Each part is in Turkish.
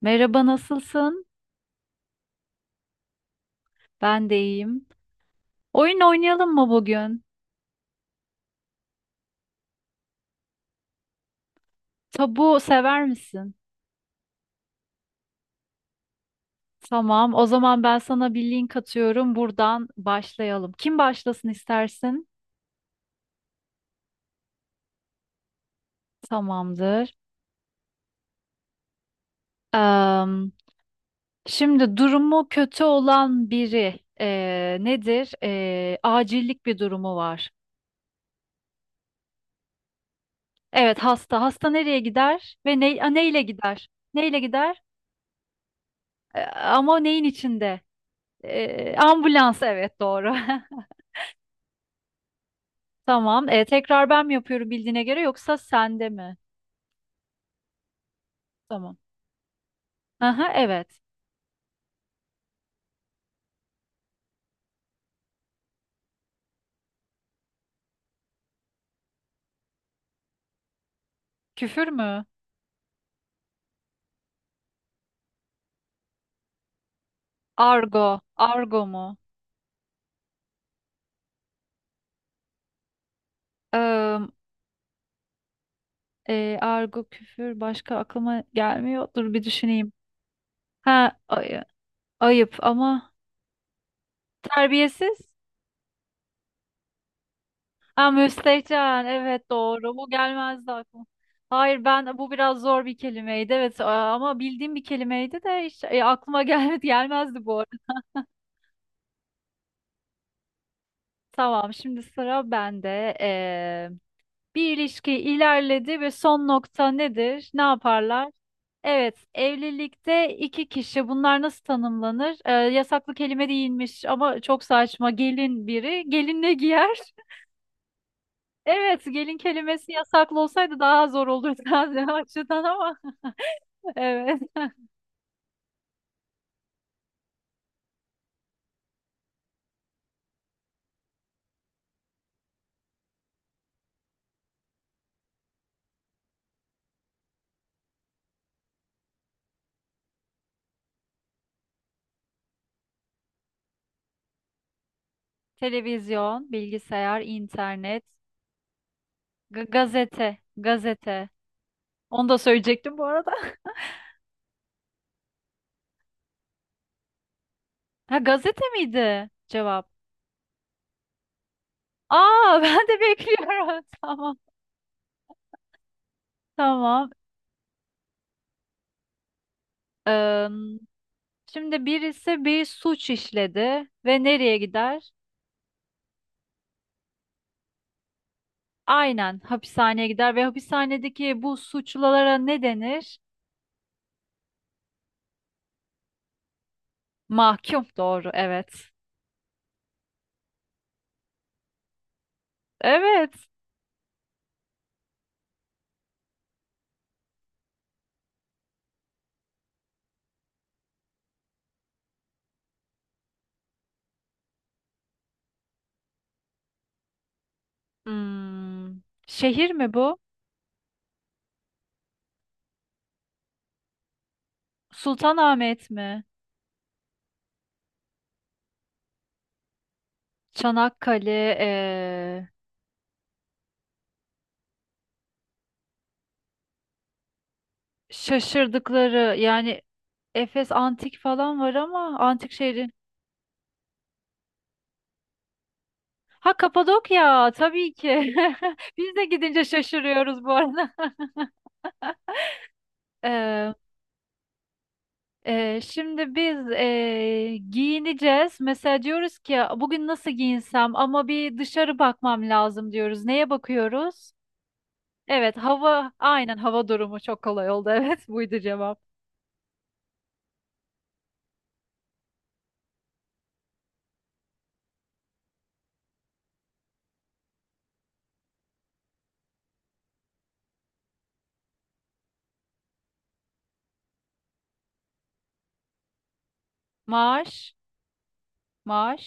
Merhaba, nasılsın? Ben de iyiyim. Oyun oynayalım mı bugün? Tabu sever misin? Tamam, o zaman ben sana bir link atıyorum. Buradan başlayalım. Kim başlasın istersin? Tamamdır. Am, şimdi durumu kötü olan biri nedir? Acillik bir durumu var. Evet, hasta. Hasta nereye gider ve ne, neyle gider? Neyle gider? Ama neyin içinde? Ambulans, evet doğru. Tamam. Tekrar ben mi yapıyorum bildiğine göre yoksa sende mi? Tamam. Aha, evet. Küfür mü? Argo. Argo mu? Im, argo, küfür başka aklıma gelmiyor. Dur bir düşüneyim. Ha, ayıp ama terbiyesiz. Ha, müstehcen. Evet doğru. Bu gelmezdi aklıma. Hayır ben bu biraz zor bir kelimeydi. Evet ama bildiğim bir kelimeydi de hiç aklıma gelmedi gelmezdi bu arada. Tamam şimdi sıra bende. Bir ilişki ilerledi ve son nokta nedir? Ne yaparlar? Evet, evlilikte iki kişi bunlar nasıl tanımlanır? Yasaklı kelime değilmiş ama çok saçma. Gelin biri, gelin ne giyer? Evet, gelin kelimesi yasaklı olsaydı daha zor olurdu o açıdan ama evet. Televizyon, bilgisayar, internet, gazete, gazete. Onu da söyleyecektim bu arada. Ha gazete miydi cevap? Aa ben de bekliyorum. Tamam. Tamam. Eee, şimdi birisi bir suç işledi ve nereye gider? Aynen hapishaneye gider ve hapishanedeki bu suçlulara ne denir? Mahkum doğru evet. Evet. Hmm, şehir mi bu? Sultanahmet mi? Çanakkale, eee, şaşırdıkları yani Efes antik falan var ama antik şehri. Ha Kapadokya tabii ki. Biz de gidince şaşırıyoruz bu arada. Şimdi biz giyineceğiz. Mesela diyoruz ki bugün nasıl giyinsem ama bir dışarı bakmam lazım diyoruz. Neye bakıyoruz? Evet hava aynen hava durumu çok kolay oldu. Evet buydu cevap. Maaş, maaş,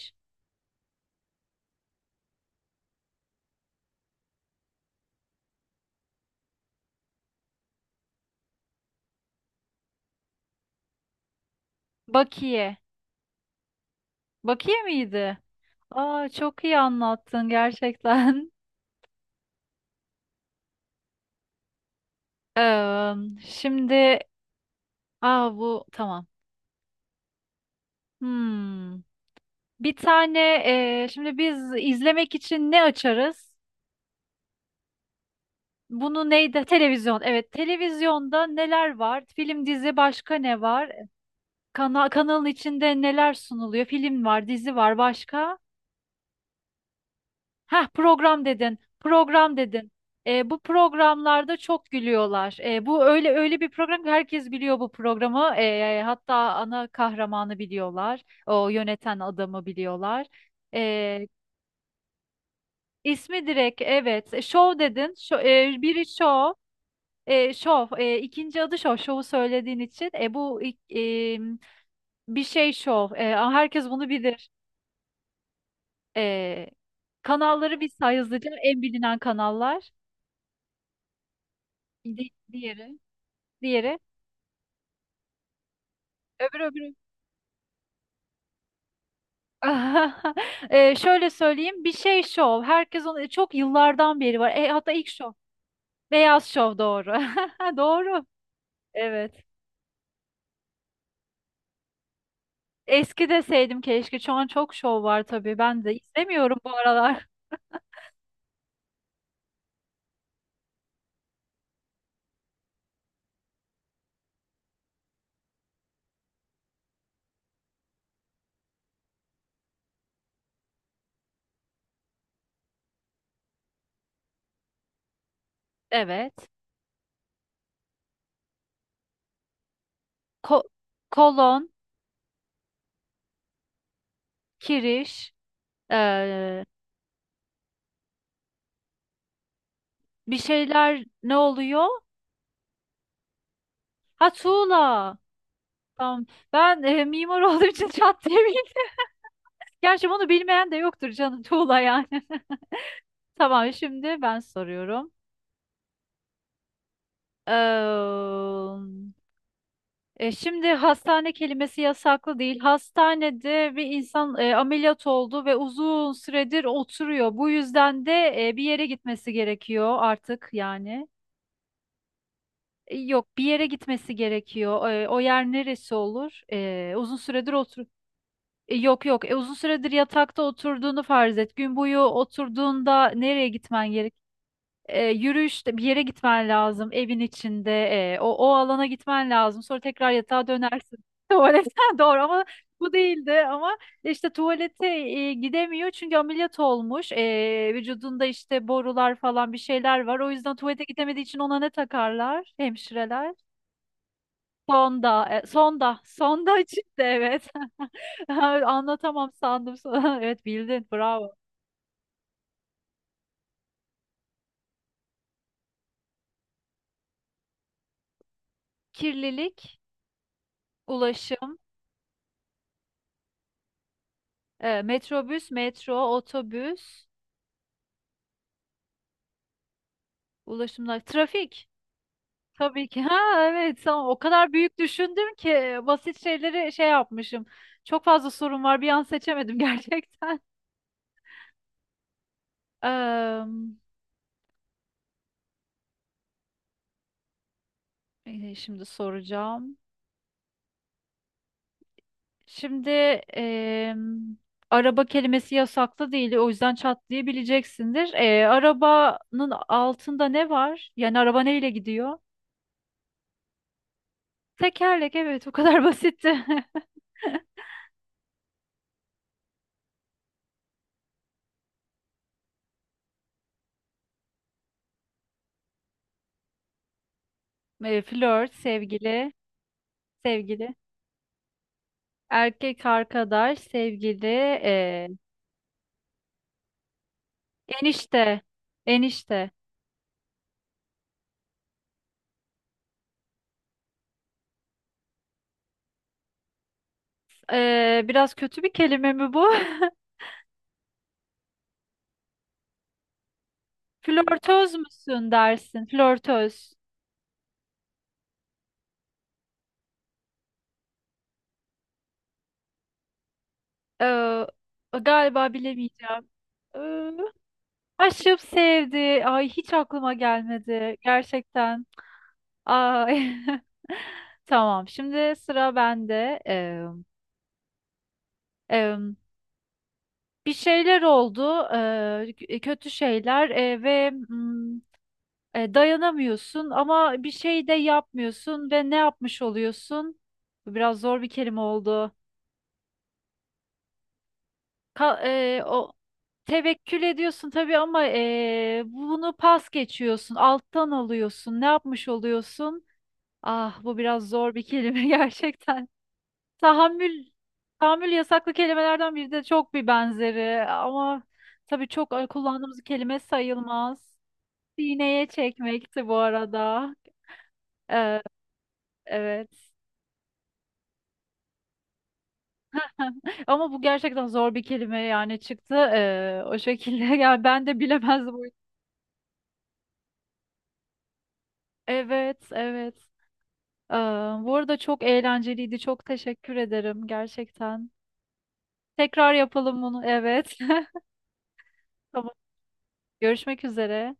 bakiye. Bakiye miydi? Aa, çok iyi anlattın gerçekten. Ee, şimdi bu tamam. Hmm. Bir tane, şimdi biz izlemek için ne açarız? Bunu neydi? Televizyon. Evet, televizyonda neler var? Film, dizi, başka ne var? Kanalın içinde neler sunuluyor? Film var, dizi var, başka? Heh, program dedin. Program dedin. Bu programlarda çok gülüyorlar. Bu öyle öyle bir program ki herkes biliyor bu programı. Hatta ana kahramanı biliyorlar. O yöneten adamı biliyorlar. E, ismi direkt evet. Show dedin. Biri show. Şov, ikinci adı şov, şovu söylediğin için. Bu bir şey şov. Herkes bunu bilir. E, kanalları bir say hızlıca. En bilinen kanallar. Diğeri. Diğeri. Öbürü öbürü. Şöyle söyleyeyim. Bir şey şov. Herkes onu çok yıllardan beri var. Hatta ilk şov. Beyaz şov doğru. Doğru. Evet. Eski deseydim keşke. Şu an çok şov var tabii. Ben de izlemiyorum bu aralar. Evet. Ko- kolon. Kiriş, eee, bir şeyler ne oluyor? Ha tuğla. Tamam. Ben mimar olduğum için çat diye bildim. Gerçi bunu bilmeyen de yoktur canım tuğla yani. Tamam şimdi ben soruyorum. Eee, şimdi hastane kelimesi yasaklı değil. Hastanede bir insan ameliyat oldu ve uzun süredir oturuyor. Bu yüzden de bir yere gitmesi gerekiyor artık yani. Yok bir yere gitmesi gerekiyor. O yer neresi olur? Uzun süredir otur. Yok yok. Uzun süredir yatakta oturduğunu farz et. Gün boyu oturduğunda nereye gitmen gerek? Yürüyüşte bir yere gitmen lazım. Evin içinde o alana gitmen lazım. Sonra tekrar yatağa dönersin. Tuvaletten doğru ama bu değildi ama işte tuvalete gidemiyor çünkü ameliyat olmuş. Vücudunda işte borular falan bir şeyler var. O yüzden tuvalete gidemediği için ona ne takarlar hemşireler? Sonda, sonda, sonda çıktı evet. Anlatamam sandım sana. Evet bildin, bravo. Kirlilik, ulaşım, metrobüs, metro, otobüs, ulaşımlar, trafik. Tabii ki. Ha evet, tamam. O kadar büyük düşündüm ki basit şeyleri şey yapmışım. Çok fazla sorun var. Bir an seçemedim gerçekten. Şimdi soracağım. Şimdi araba kelimesi yasaklı değil, o yüzden çat diye bileceksindir. Arabanın altında ne var? Yani araba neyle gidiyor? Tekerlek, evet, bu kadar basitti. Flört, sevgili, sevgili, erkek arkadaş, sevgili, e, enişte, enişte. Biraz kötü bir kelime mi bu? Flörtöz müsün dersin, flörtöz. E, galiba bilemeyeceğim. Aşıp sevdi. Ay hiç aklıma gelmedi. Gerçekten. Ay. Tamam. Şimdi sıra bende. E, bir şeyler oldu. Kötü şeyler ve dayanamıyorsun ama bir şey de yapmıyorsun ve ne yapmış oluyorsun? Bu biraz zor bir kelime oldu. O tevekkül ediyorsun tabii ama bunu pas geçiyorsun. Alttan alıyorsun. Ne yapmış oluyorsun? Ah bu biraz zor bir kelime gerçekten. Tahammül, tahammül yasaklı kelimelerden biri de çok bir benzeri ama tabii çok kullandığımız kelime sayılmaz. Sineye çekmekti bu arada. Ee, evet. Ama bu gerçekten zor bir kelime yani çıktı o şekilde. Yani ben de bilemezdim. Evet, evet. Ee, bu arada çok eğlenceliydi. Çok teşekkür ederim gerçekten. Tekrar yapalım bunu. Evet. Tamam. Görüşmek üzere.